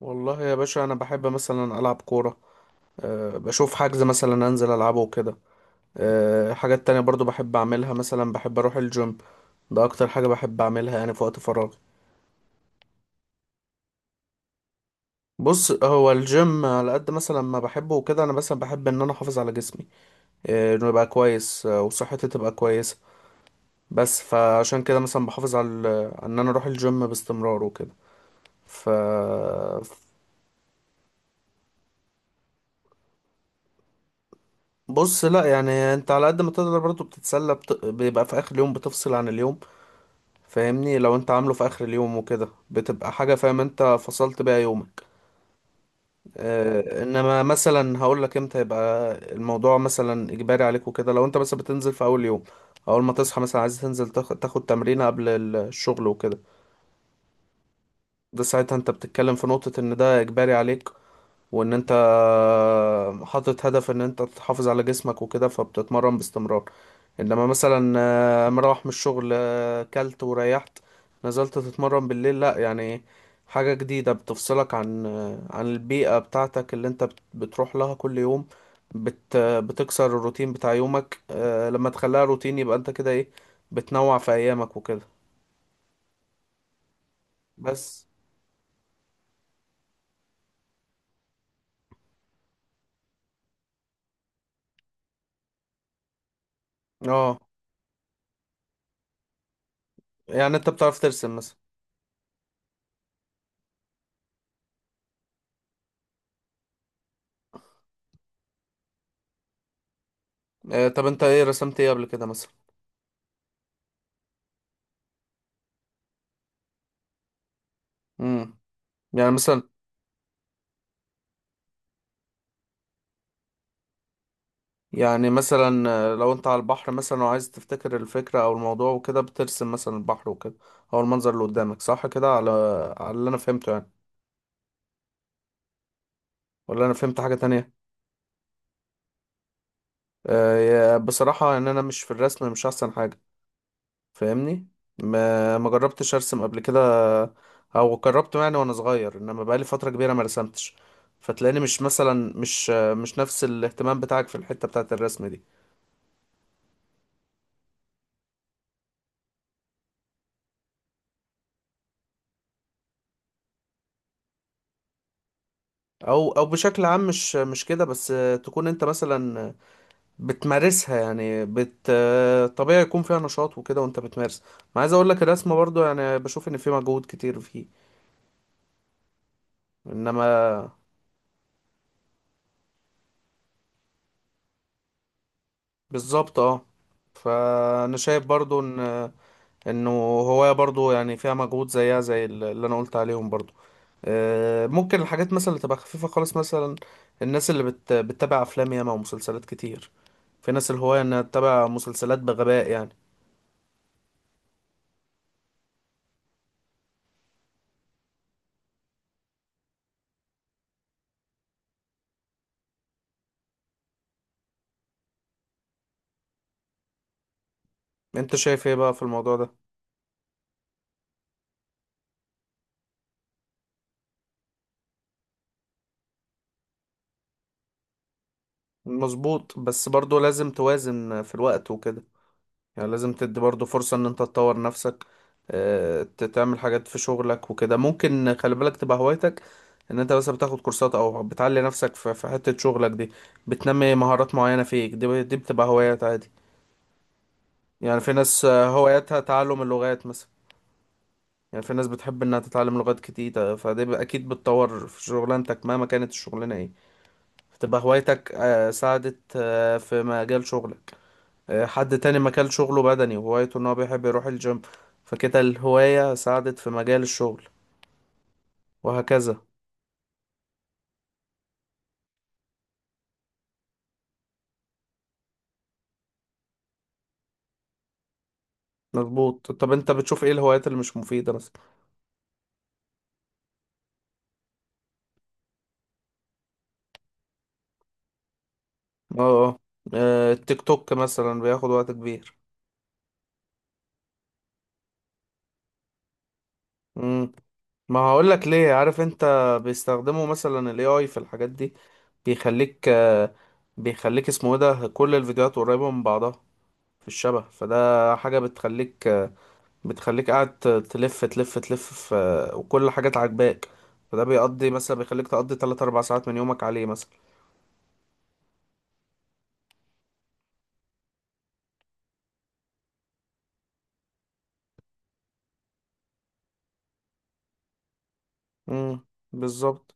والله يا باشا انا بحب مثلا العب كوره. بشوف حجز مثلا انزل العبه وكده. حاجات تانية برضو بحب اعملها مثلا، بحب اروح الجيم. ده اكتر حاجه بحب اعملها يعني في وقت فراغي. بص، هو الجيم على قد مثلا ما بحبه وكده، انا مثلا بحب ان انا احافظ على جسمي، انه يبقى كويس، وصحتي تبقى كويسه. بس فعشان كده مثلا بحافظ على ان انا اروح الجيم باستمرار وكده. ف بص، لا يعني، انت على قد ما تقدر برضو بتتسلى، بيبقى في اخر اليوم بتفصل عن اليوم. فاهمني، لو انت عامله في اخر اليوم وكده بتبقى حاجة، فاهم انت فصلت بيها يومك. اه انما مثلا هقول لك امتى يبقى الموضوع مثلا اجباري عليك وكده. لو انت مثلا بتنزل في اول يوم، اول ما تصحى مثلا عايز تنزل تاخد تمرينة قبل الشغل وكده، ده ساعتها انت بتتكلم في نقطة ان ده اجباري عليك، وان انت حاطط هدف ان انت تحافظ على جسمك وكده فبتتمرن باستمرار. انما مثلا، مروح من الشغل، كلت وريحت، نزلت تتمرن بالليل، لا يعني حاجة جديدة بتفصلك عن عن البيئة بتاعتك اللي انت بتروح لها كل يوم، بتكسر الروتين بتاع يومك. لما تخليها روتين يبقى انت كده ايه، بتنوع في ايامك وكده. بس، اه يعني انت بتعرف ترسم مثلا؟ طب انت ايه رسمت ايه قبل كده؟ مثلا، يعني مثلا، يعني مثلا لو انت على البحر مثلا وعايز تفتكر الفكرة او الموضوع وكده، بترسم مثلا البحر وكده، او المنظر اللي قدامك، صح كده؟ على اللي انا فهمته يعني، ولا انا فهمت حاجة تانية؟ بصراحة ان انا مش في الرسم، مش احسن حاجة، فاهمني. ما جربتش ارسم قبل كده، او جربت يعني وانا صغير انما بقالي فترة كبيرة ما رسمتش، فتلاقيني مش مثلا مش نفس الاهتمام بتاعك في الحتة بتاعت الرسم دي. او بشكل عام مش كده بس، تكون انت مثلا بتمارسها يعني طبيعي يكون فيها نشاط وكده وانت بتمارس. ما عايز اقول لك، الرسم برضو يعني بشوف ان في مجهود كتير فيه، انما بالظبط اه. فانا شايف برضو ان انه هواية برضو يعني فيها مجهود زيها زي اللي انا قلت عليهم برضو. ممكن الحاجات مثلا اللي تبقى خفيفة خالص، مثلا الناس اللي بتتابع افلام ياما ومسلسلات كتير، في ناس الهواية انها تتابع مسلسلات بغباء يعني. انت شايف ايه بقى في الموضوع ده؟ مظبوط، بس برضو لازم توازن في الوقت وكده. يعني لازم تدي برضو فرصة ان انت تطور نفسك، تعمل حاجات في شغلك وكده. ممكن خلي بالك تبقى هوايتك ان انت بس بتاخد كورسات، او بتعلي نفسك في حتة شغلك دي، بتنمي مهارات معينة فيك، دي، دي بتبقى هوايات عادي. يعني في ناس هواياتها تعلم اللغات مثلا. يعني في ناس بتحب انها تتعلم لغات كتير، فدي اكيد بتطور في شغلانتك مهما كانت الشغلانة ايه، فتبقى هوايتك ساعدت في مجال شغلك. حد تاني مكان شغله بدني وهوايته ان هو بيحب يروح الجيم، فكده الهواية ساعدت في مجال الشغل، وهكذا. مظبوط. طب انت بتشوف ايه الهوايات اللي مش مفيدة مثلا؟ اه. آه. التيك توك مثلا بياخد وقت كبير. مم. ما هقول لك ليه، عارف انت، بيستخدموا مثلا الاي اي في الحاجات دي. بيخليك آه، بيخليك اسمه ايه ده، كل الفيديوهات قريبة من بعضها، في الشبه، فده حاجة بتخليك قاعد تلف تلف تلف في، وكل حاجة عاجباك، فده بيقضي مثلا، بيخليك تقضي 3 4 ساعات من يومك عليه مثلا. امم، بالظبط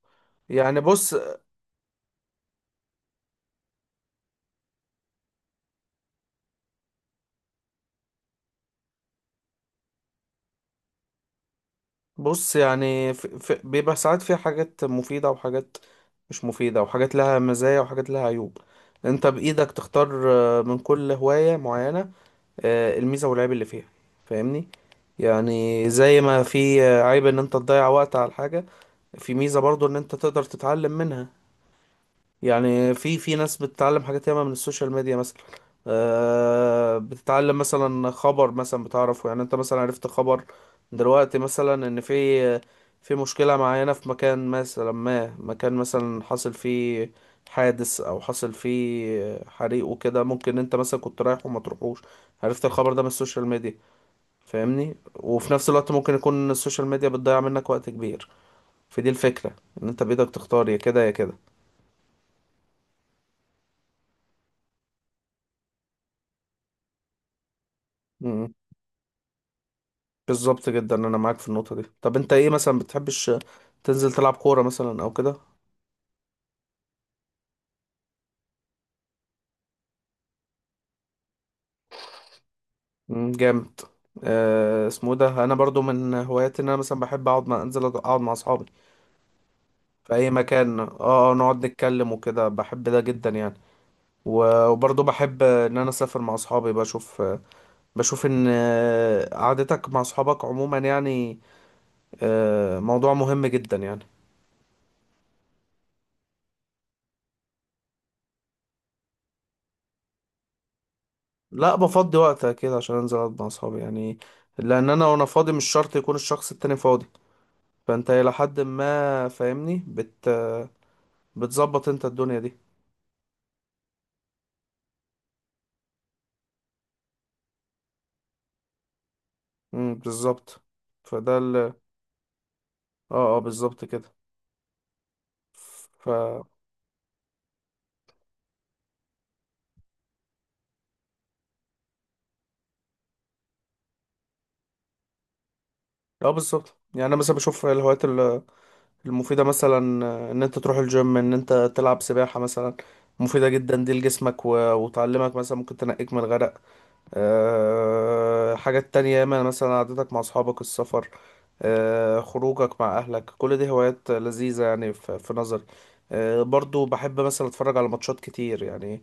يعني. بص يعني في بيبقى ساعات فيها حاجات مفيدة وحاجات مش مفيدة، وحاجات لها مزايا وحاجات لها عيوب. انت بإيدك تختار من كل هواية معينة، الميزة والعيب اللي فيها، فاهمني. يعني زي ما في عيب ان انت تضيع وقت على الحاجة، في ميزة برضو ان انت تقدر تتعلم منها. يعني في ناس بتتعلم حاجات ياما من السوشيال ميديا مثلا. بتتعلم مثلا خبر مثلا، بتعرفه يعني. انت مثلا عرفت خبر دلوقتي مثلا ان في مشكلة معينة في مكان مثلا، ما مكان مثلا حصل فيه حادث، او حصل فيه حريق وكده، ممكن انت مثلا كنت رايح وما تروحوش، عرفت الخبر ده من السوشيال ميديا. فاهمني، وفي نفس الوقت ممكن يكون السوشيال ميديا بتضيع منك وقت كبير. فدي الفكرة، ان انت بإيدك تختار، يا كده يا كده. بالظبط جدا، انا معاك في النقطه دي. طب انت ايه، مثلا بتحبش تنزل تلعب كوره مثلا او كده؟ مم، جامد. اسمه إيه ده، انا برضو من هواياتي ان انا مثلا بحب اقعد مع انزل اقعد مع اصحابي في اي مكان، نقعد نتكلم وكده، بحب ده جدا يعني. وبرضو بحب ان انا اسافر مع اصحابي، بشوف ان قعدتك مع اصحابك عموما يعني موضوع مهم جدا يعني. لا، بفضي وقت كده عشان انزل اقعد مع اصحابي يعني، لان انا وانا فاضي مش شرط يكون الشخص التاني فاضي، فانت الى حد ما فاهمني، بتظبط انت الدنيا دي. امم، بالظبط. فده ال اه اه، بالظبط كده. ف اه، بالظبط يعني، انا مثلا بشوف الهوايات المفيده مثلا، ان انت تروح الجيم، ان انت تلعب سباحه مثلا، مفيده جدا دي لجسمك، وتعلمك مثلا ممكن تنقيك من الغرق. حاجات تانية ياما، مثلا قعدتك مع اصحابك، السفر، خروجك مع اهلك، كل دي هوايات لذيذة يعني في نظري. برضو بحب مثلا اتفرج على ماتشات كتير يعني.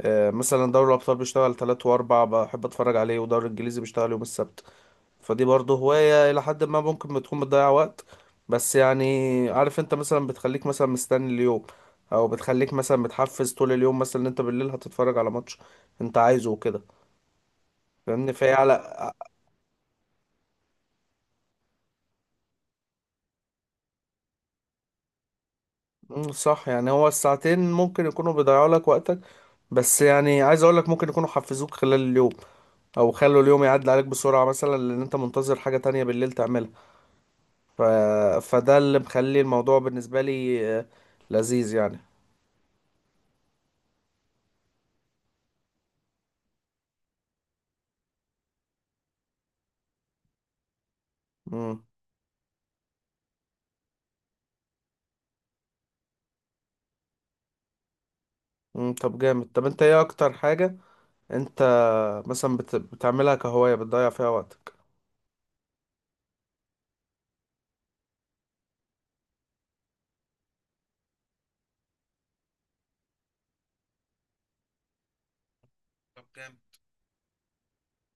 مثلا دوري الابطال بيشتغل تلات واربع، بحب اتفرج عليه، ودوري الانجليزي بيشتغل يوم السبت. فدي برضو هواية الى حد ما ممكن بتكون بتضيع وقت، بس يعني عارف انت، مثلا بتخليك مثلا مستني اليوم، او بتخليك مثلا متحفز طول اليوم مثلا، ان انت بالليل هتتفرج على ماتش انت عايزه وكده، فاهمني. فهي على، مم، صح يعني. هو الساعتين ممكن يكونوا بيضيعوا لك وقتك، بس يعني عايز اقول لك ممكن يكونوا حفزوك خلال اليوم، او خلوا اليوم يعدي عليك بسرعة مثلا لان انت منتظر حاجة تانية بالليل تعملها. ف... فده اللي مخلي الموضوع بالنسبة لي لذيذ يعني. مم. مم. طب جامد. انت ايه اكتر حاجة انت مثلا بتعملها كهواية بتضيع فيها وقتك؟ طب جامد.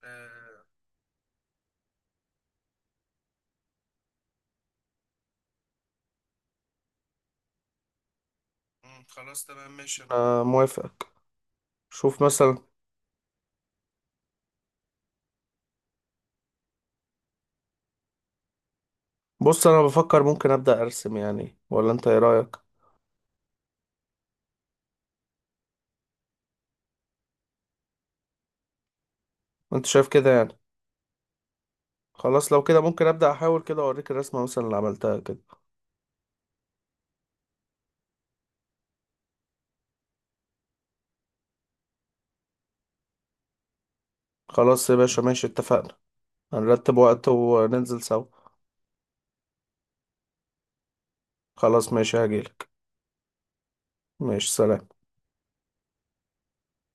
آه، مم، خلاص تمام، ماشي، انا موافقك. شوف مثلا، بص، انا بفكر ممكن ابدا ارسم يعني، ولا انت ايه رايك؟ انت شايف كده يعني؟ خلاص، لو كده ممكن ابدا احاول كده، اوريك الرسمه مثلا اللي عملتها كده. خلاص يا باشا، ماشي، اتفقنا، هنرتب وقت وننزل سوا. خلاص ماشي، هجيلك. ماشي، سلام.